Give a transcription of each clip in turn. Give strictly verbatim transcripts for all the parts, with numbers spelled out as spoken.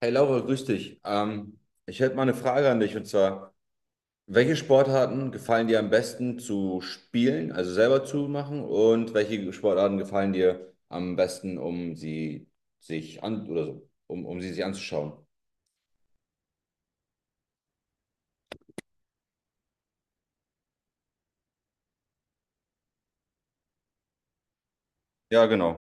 Hey Laura, grüß dich. Ähm, ich hätte mal eine Frage an dich, und zwar: Welche Sportarten gefallen dir am besten zu spielen, also selber zu machen, und welche Sportarten gefallen dir am besten, um sie sich an oder so, um, um sie sich anzuschauen? Ja, genau.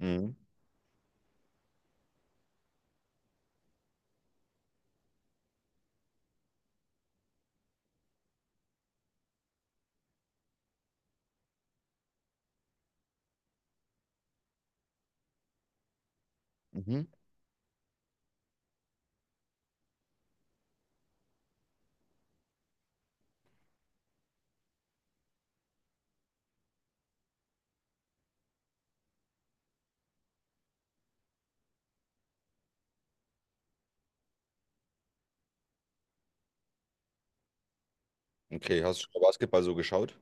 Mhm. Mhm. Okay, hast du schon mal Basketball so geschaut?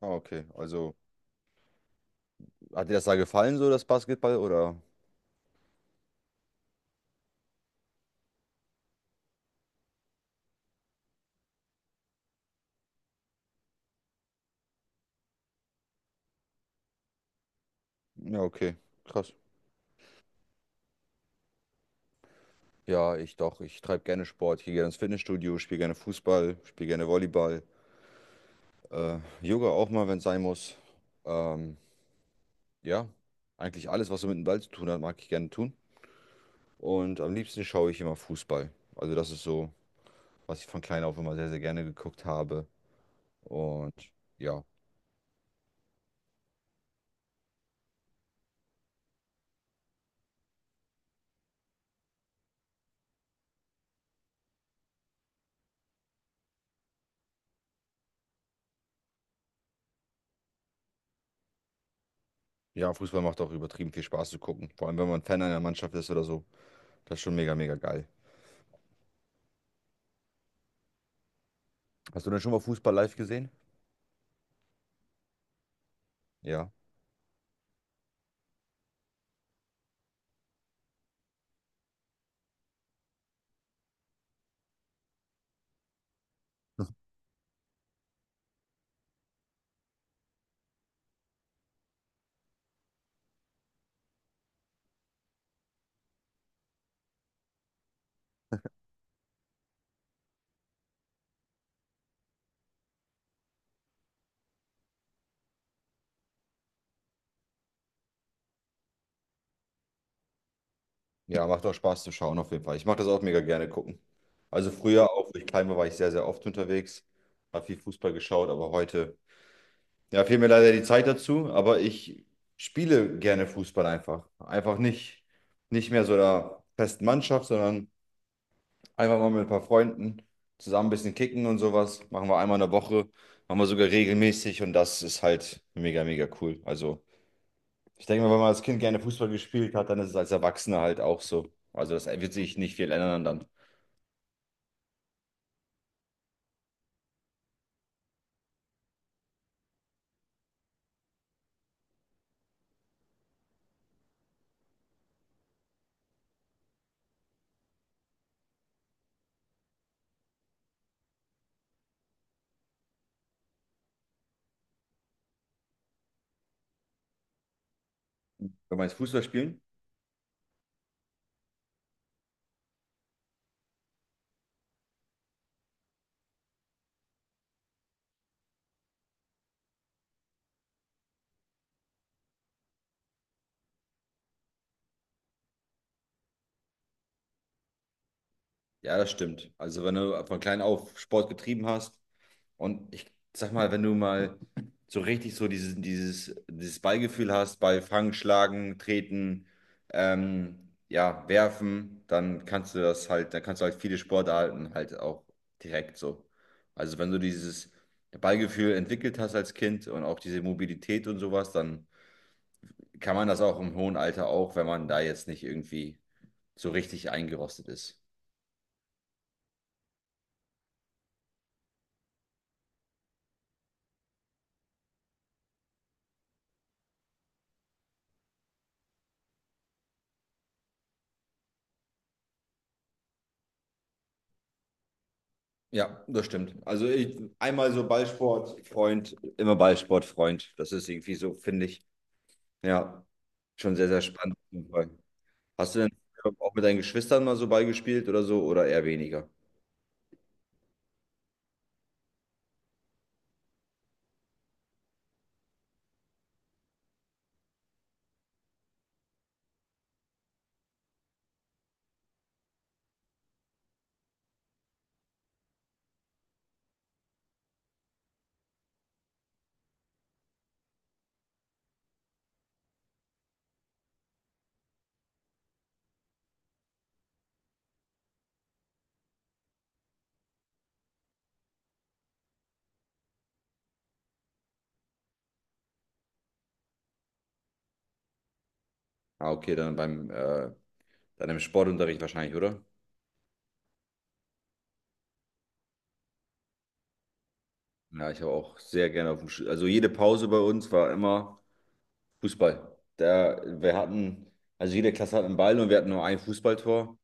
Ah, okay. Also, hat dir das da gefallen, so das Basketball, oder? Ja, okay. Krass. Ja, ich doch. Ich treibe gerne Sport. Ich gehe gerne ins Fitnessstudio, spiele gerne Fußball, spiele gerne Volleyball. Äh, Yoga auch mal, wenn es sein muss. Ähm, ja, eigentlich alles, was so mit dem Ball zu tun hat, mag ich gerne tun. Und am liebsten schaue ich immer Fußball. Also das ist so, was ich von klein auf immer sehr, sehr gerne geguckt habe. Und ja, ja, Fußball macht auch übertrieben viel Spaß zu gucken. Vor allem, wenn man Fan einer Mannschaft ist oder so. Das ist schon mega, mega geil. Hast du denn schon mal Fußball live gesehen? Ja. Ja, macht auch Spaß zu schauen, auf jeden Fall. Ich mache das auch mega gerne gucken. Also früher, auch wo ich klein war, war ich sehr, sehr oft unterwegs, habe viel Fußball geschaut, aber heute ja, fehlt mir leider die Zeit dazu, aber ich spiele gerne Fußball einfach. Einfach nicht, nicht mehr so der festen Mannschaft, sondern einfach mal mit ein paar Freunden zusammen ein bisschen kicken und sowas. Machen wir einmal in der Woche, machen wir sogar regelmäßig, und das ist halt mega, mega cool. Also, ich denke mal, wenn man als Kind gerne Fußball gespielt hat, dann ist es als Erwachsener halt auch so. Also, das wird sich nicht viel ändern dann. Wenn man jetzt Fußball spielen? Ja, das stimmt. Also, wenn du von klein auf Sport getrieben hast, und ich sag mal, wenn du mal so richtig so dieses, dieses, dieses Ballgefühl hast bei Fangen, Schlagen, Treten, ähm, ja, Werfen, dann kannst du das halt, dann kannst du halt viele Sportarten halt auch direkt so. Also wenn du dieses Ballgefühl entwickelt hast als Kind und auch diese Mobilität und sowas, dann kann man das auch im hohen Alter auch, wenn man da jetzt nicht irgendwie so richtig eingerostet ist. Ja, das stimmt. Also ich, einmal so Ballsportfreund, immer Ballsportfreund. Das ist irgendwie so, finde ich. Ja, schon sehr, sehr spannend, auf jeden Fall. Hast du denn auch mit deinen Geschwistern mal so Ball gespielt oder so, oder eher weniger? Ah, okay, dann beim äh, dann im Sportunterricht wahrscheinlich, oder? Ja, ich habe auch sehr gerne auf dem Sch- Also jede Pause bei uns war immer Fußball. Da, wir hatten, also jede Klasse hat einen Ball und wir hatten nur ein Fußballtor.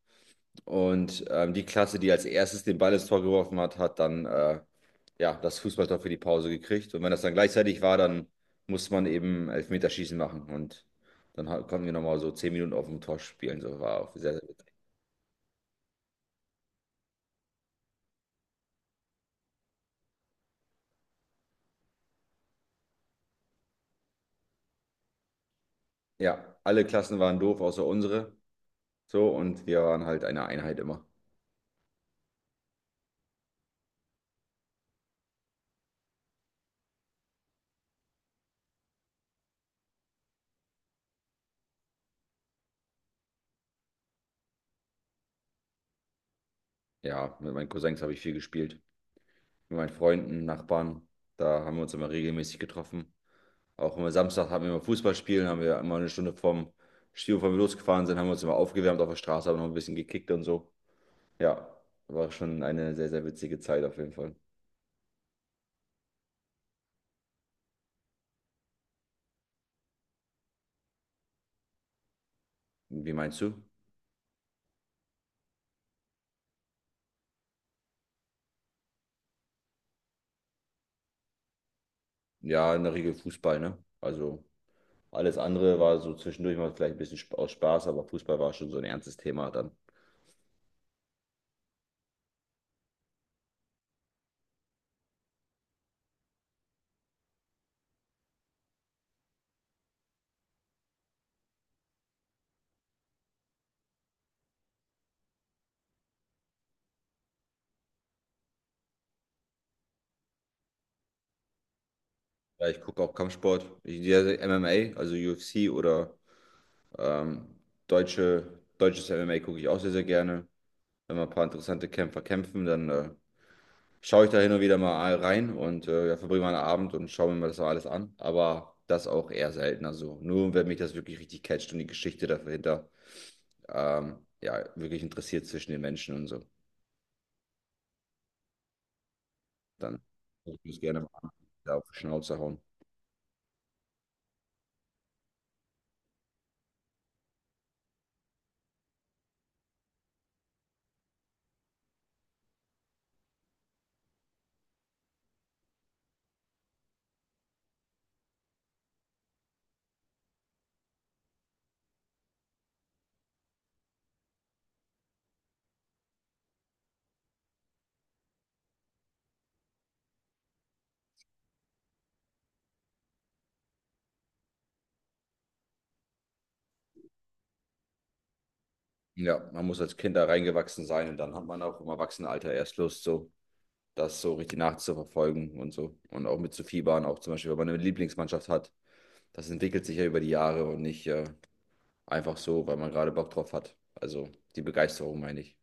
Und ähm, die Klasse, die als erstes den Ball ins Tor geworfen hat, hat dann äh, ja, das Fußballtor für die Pause gekriegt. Und wenn das dann gleichzeitig war, dann musste man eben Elfmeterschießen machen. Und dann ha- konnten wir nochmal so zehn Minuten auf dem Tor spielen. So war auch sehr, sehr witzig. Ja, alle Klassen waren doof, außer unsere. So, und wir waren halt eine Einheit immer. Ja, mit meinen Cousins habe ich viel gespielt. Mit meinen Freunden, Nachbarn. Da haben wir uns immer regelmäßig getroffen. Auch immer Samstag hatten wir immer Fußballspielen, haben wir immer eine Stunde vom Stil, bevor wir losgefahren sind, haben wir uns immer aufgewärmt auf der Straße, haben noch ein bisschen gekickt und so. Ja, war schon eine sehr, sehr witzige Zeit auf jeden Fall. Wie meinst du? Ja, in der Regel Fußball, ne? Also alles andere war so zwischendurch mal vielleicht ein bisschen sp- aus Spaß, aber Fußball war schon so ein ernstes Thema dann. Ja, ich gucke auch Kampfsport, ich, ja, M M A, also U F C oder ähm, deutsche, deutsches M M A gucke ich auch sehr, sehr gerne. Wenn mal ein paar interessante Kämpfer kämpfen, dann äh, schaue ich da hin und wieder mal rein und äh, ja, verbringe mal einen Abend und schaue mir mal das so alles an. Aber das auch eher selten. Also nur, wenn mich das wirklich richtig catcht und die Geschichte dahinter ähm, ja, wirklich interessiert zwischen den Menschen und so, dann würde ich das gerne mal an- da auf die Schnauze hauen. Ja, man muss als Kind da reingewachsen sein und dann hat man auch im Erwachsenenalter erst Lust, so das so richtig nachzuverfolgen und so. Und auch mit zu fiebern auch zum Beispiel, wenn man eine Lieblingsmannschaft hat. Das entwickelt sich ja über die Jahre und nicht äh, einfach so, weil man gerade Bock drauf hat. Also die Begeisterung meine ich.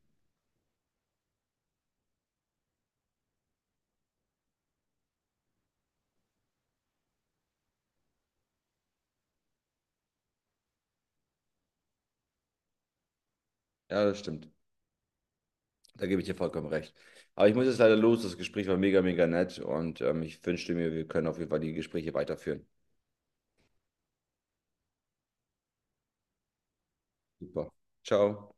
Ja, das stimmt. Da gebe ich dir vollkommen recht. Aber ich muss jetzt leider los. Das Gespräch war mega, mega nett und ähm, ich wünschte mir, wir können auf jeden Fall die Gespräche weiterführen. Super. Ciao.